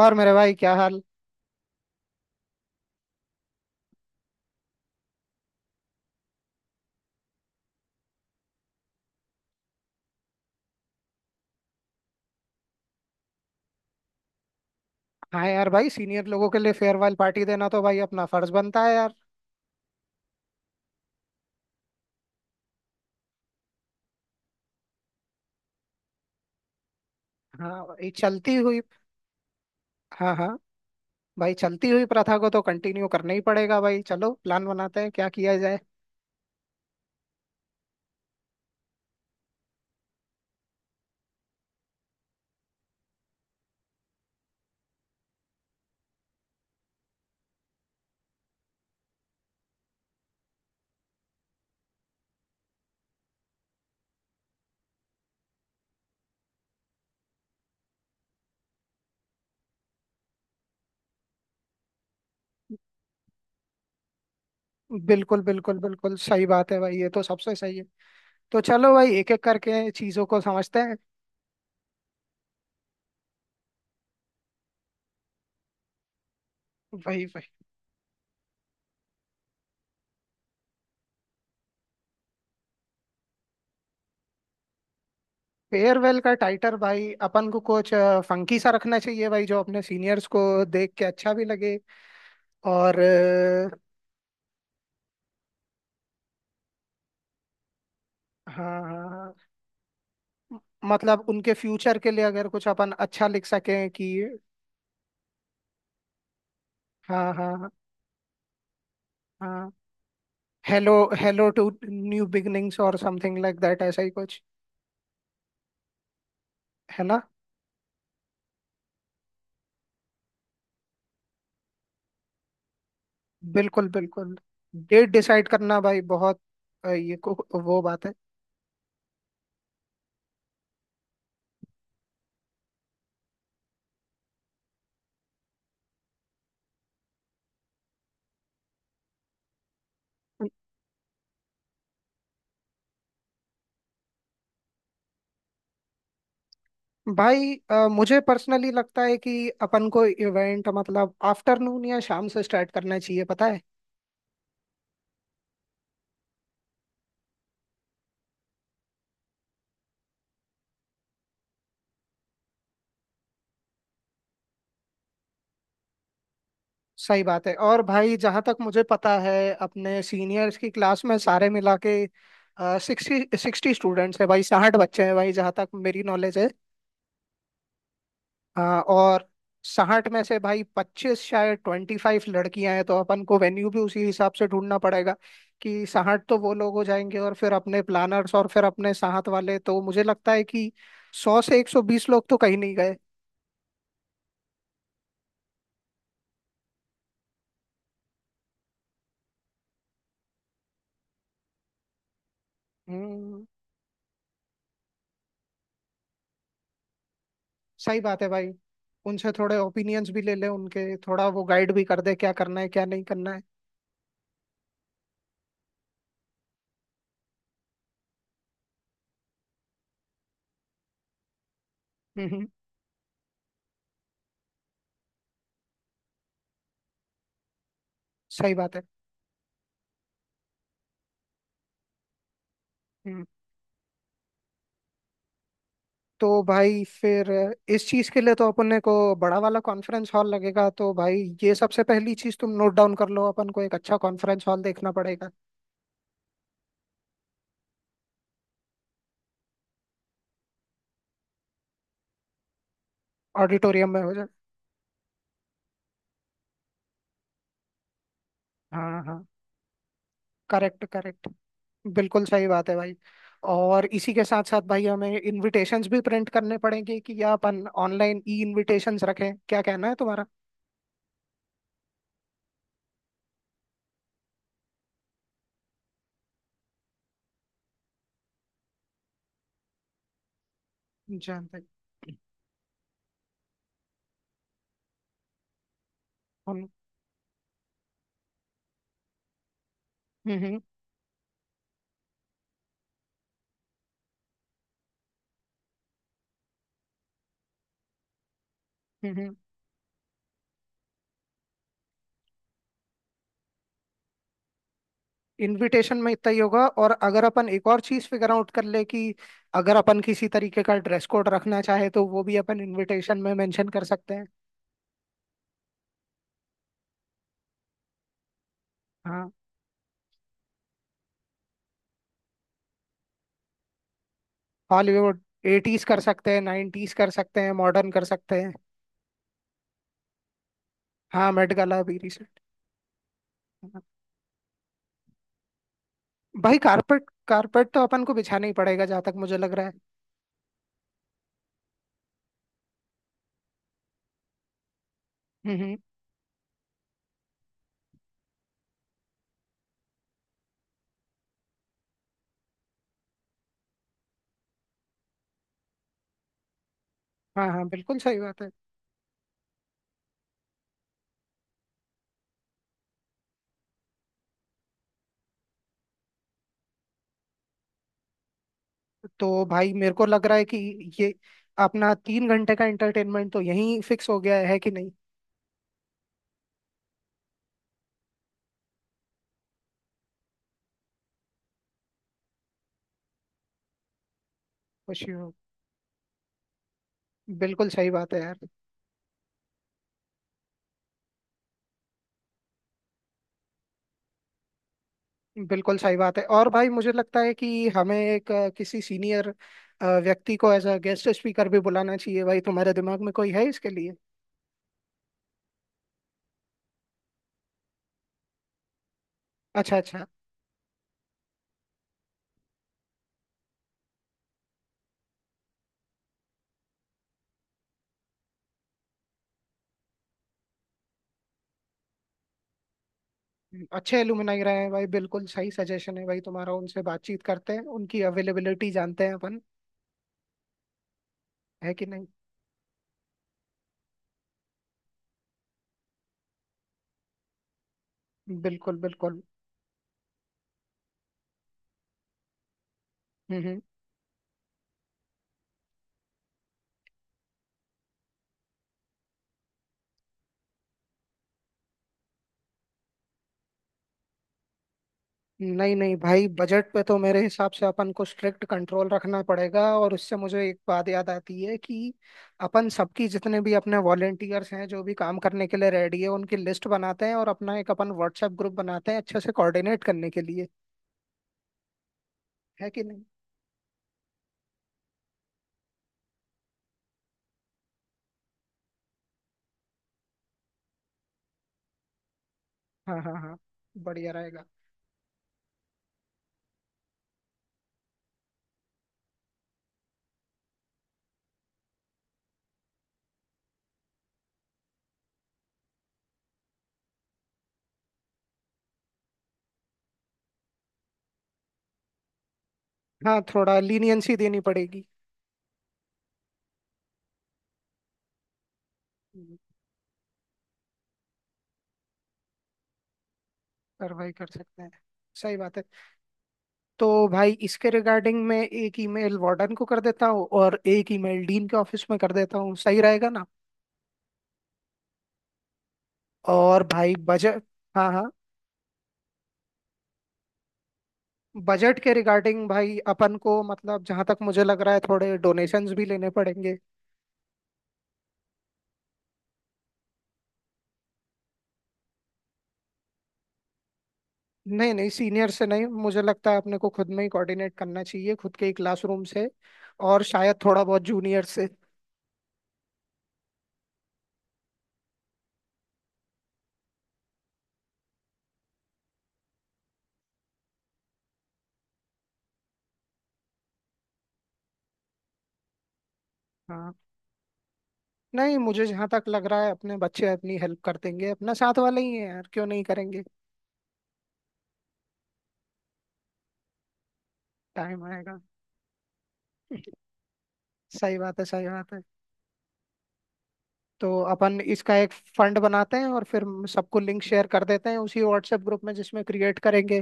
और मेरे भाई क्या हाल। हाँ यार, भाई सीनियर लोगों के लिए फेयरवेल पार्टी देना तो भाई अपना फर्ज बनता है यार। हाँ ये चलती हुई। हाँ हाँ। भाई चलती हुई प्रथा को तो कंटिन्यू करना ही पड़ेगा भाई, चलो प्लान बनाते हैं क्या किया जाए। बिल्कुल बिल्कुल बिल्कुल, सही बात है भाई, ये तो सबसे सही है। तो चलो भाई, एक एक करके चीजों को समझते हैं। भाई भाई, फेयरवेल का टाइटल भाई अपन को कुछ फंकी सा रखना चाहिए भाई, जो अपने सीनियर्स को देख के अच्छा भी लगे। और अ, हाँ हाँ, मतलब उनके फ्यूचर के लिए अगर कुछ अपन अच्छा लिख सकें कि। हाँ हाँ हाँ। Hello. Hello to. New beginnings और समथिंग लाइक दैट, ऐसा ही कुछ। है ना। बिल्कुल बिल्कुल। डेट डिसाइड करना भाई बहुत अ, ये को वो बात है। भाई मुझे पर्सनली लगता है कि अपन को इवेंट मतलब आफ्टरनून या शाम से स्टार्ट करना चाहिए, पता है। सही बात है। और भाई जहाँ तक मुझे पता है, अपने सीनियर्स की क्लास में सारे मिला के सिक्सटी सिक्सटी स्टूडेंट्स हैं भाई, 60 बच्चे हैं भाई, जहाँ तक मेरी नॉलेज है। और 60 में से भाई 25, शायद 25 लड़कियां हैं, तो अपन को वेन्यू भी उसी हिसाब से ढूंढना पड़ेगा कि 60 तो वो लोग हो जाएंगे, और फिर अपने प्लानर्स और फिर अपने साथ वाले, तो मुझे लगता है कि 100 से 120 लोग तो कहीं नहीं गए। हम्म। सही बात है भाई। उनसे थोड़े ओपिनियंस भी ले ले, उनके थोड़ा वो गाइड भी कर दे क्या करना है क्या नहीं करना है। हम्म। सही बात है। हम्म। तो भाई फिर इस चीज के लिए तो अपने को बड़ा वाला कॉन्फ्रेंस हॉल लगेगा, तो भाई ये सबसे पहली चीज तुम नोट डाउन कर लो, अपन को एक अच्छा कॉन्फ्रेंस हॉल देखना पड़ेगा। ऑडिटोरियम में हो जाए। हाँ हाँ। Correct correct. बिल्कुल सही बात है भाई। और इसी के साथ साथ भाई हमें इनविटेशंस भी प्रिंट करने पड़ेंगे कि या अपन ऑनलाइन ई इनविटेशंस रखें, क्या कहना है तुम्हारा। जानते हैं। हम। हम्म हम्म। हम्म। इनविटेशन में इतना ही होगा, और अगर अपन एक और चीज फिगर आउट कर ले कि अगर अपन किसी तरीके का ड्रेस कोड रखना चाहे तो वो भी अपन इनविटेशन में मेंशन कर सकते हैं। हाँ। हॉलीवुड, एटीज कर सकते हैं, नाइनटीज कर सकते हैं, मॉडर्न कर सकते हैं। हाँ, मेट गाला भी रिसेंट। भाई कारपेट कारपेट तो अपन को बिछाना ही पड़ेगा, जहाँ तक मुझे लग रहा है। हम्म। हाँ हाँ, बिल्कुल सही बात है। तो भाई मेरे को लग रहा है कि ये अपना 3 घंटे का एंटरटेनमेंट तो यहीं फिक्स हो गया है कि नहीं। खुशी हो। बिल्कुल सही बात है यार। बिल्कुल सही बात है, और भाई मुझे लगता है कि हमें एक किसी सीनियर व्यक्ति को एज अ गेस्ट स्पीकर भी बुलाना चाहिए, भाई तुम्हारे दिमाग में कोई है इसके लिए। अच्छा अच्छा। अच्छे एलुमनाई रहे हैं भाई, बिल्कुल सही सजेशन है भाई तुम्हारा, उनसे बातचीत करते हैं, उनकी अवेलेबिलिटी जानते हैं अपन। है कि नहीं। बिल्कुल बिल्कुल। हम्म। नहीं नहीं भाई, बजट पे तो मेरे हिसाब से अपन को स्ट्रिक्ट कंट्रोल रखना पड़ेगा, और उससे मुझे एक बात याद आती है कि अपन सबकी, जितने भी अपने वॉलेंटियर्स हैं जो भी काम करने के लिए रेडी है, उनकी लिस्ट बनाते हैं और अपना एक अपन व्हाट्सएप ग्रुप बनाते हैं अच्छे से कोऑर्डिनेट करने के लिए। है कि नहीं। हाँ हाँ हाँ, बढ़िया रहेगा। हाँ थोड़ा लीनियंसी देनी पड़ेगी। हम्म। कार्रवाई कर सकते हैं। सही बात है। तो भाई इसके रिगार्डिंग मैं एक ईमेल वार्डन को कर देता हूँ और एक ईमेल डीन के ऑफिस में कर देता हूँ, सही रहेगा ना। और भाई बजट। हाँ हाँ। बजट के रिगार्डिंग भाई अपन को, मतलब जहां तक मुझे लग रहा है, थोड़े डोनेशंस भी लेने पड़ेंगे। नहीं नहीं, सीनियर से नहीं, मुझे लगता है अपने को खुद में ही कोऑर्डिनेट करना चाहिए, खुद के ही क्लासरूम से। और शायद थोड़ा बहुत जूनियर से। हाँ। नहीं मुझे जहां तक लग रहा है अपने बच्चे अपनी हेल्प कर देंगे, अपना साथ वाले ही है यार, क्यों नहीं करेंगे। टाइम आएगा। सही बात है, सही बात है। तो अपन इसका एक फंड बनाते हैं और फिर सबको लिंक शेयर कर देते हैं उसी व्हाट्सएप ग्रुप में जिसमें क्रिएट करेंगे।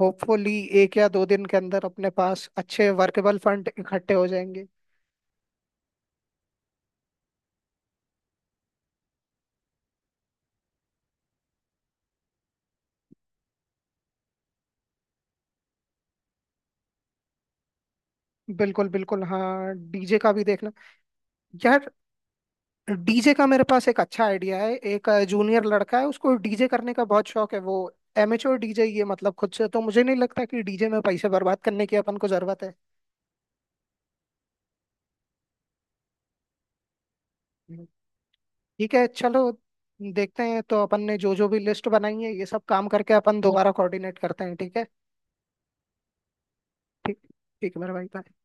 होपफुली एक या दो दिन के अंदर अपने पास अच्छे वर्केबल फंड इकट्ठे हो जाएंगे। बिल्कुल बिल्कुल, हाँ डीजे का भी देखना यार। डीजे का मेरे पास एक अच्छा आइडिया है, एक जूनियर लड़का है उसको डीजे करने का बहुत शौक है, वो एमेच्योर डीजे ये मतलब खुद से, तो मुझे नहीं लगता कि डीजे में पैसे बर्बाद करने की अपन को जरूरत है। हम्म। ठीक है चलो देखते हैं, तो अपन ने जो जो भी लिस्ट बनाई है ये सब काम करके अपन दोबारा कोऑर्डिनेट करते हैं, ठीक है। ठीक। ठीक है मेरे भाई, bye।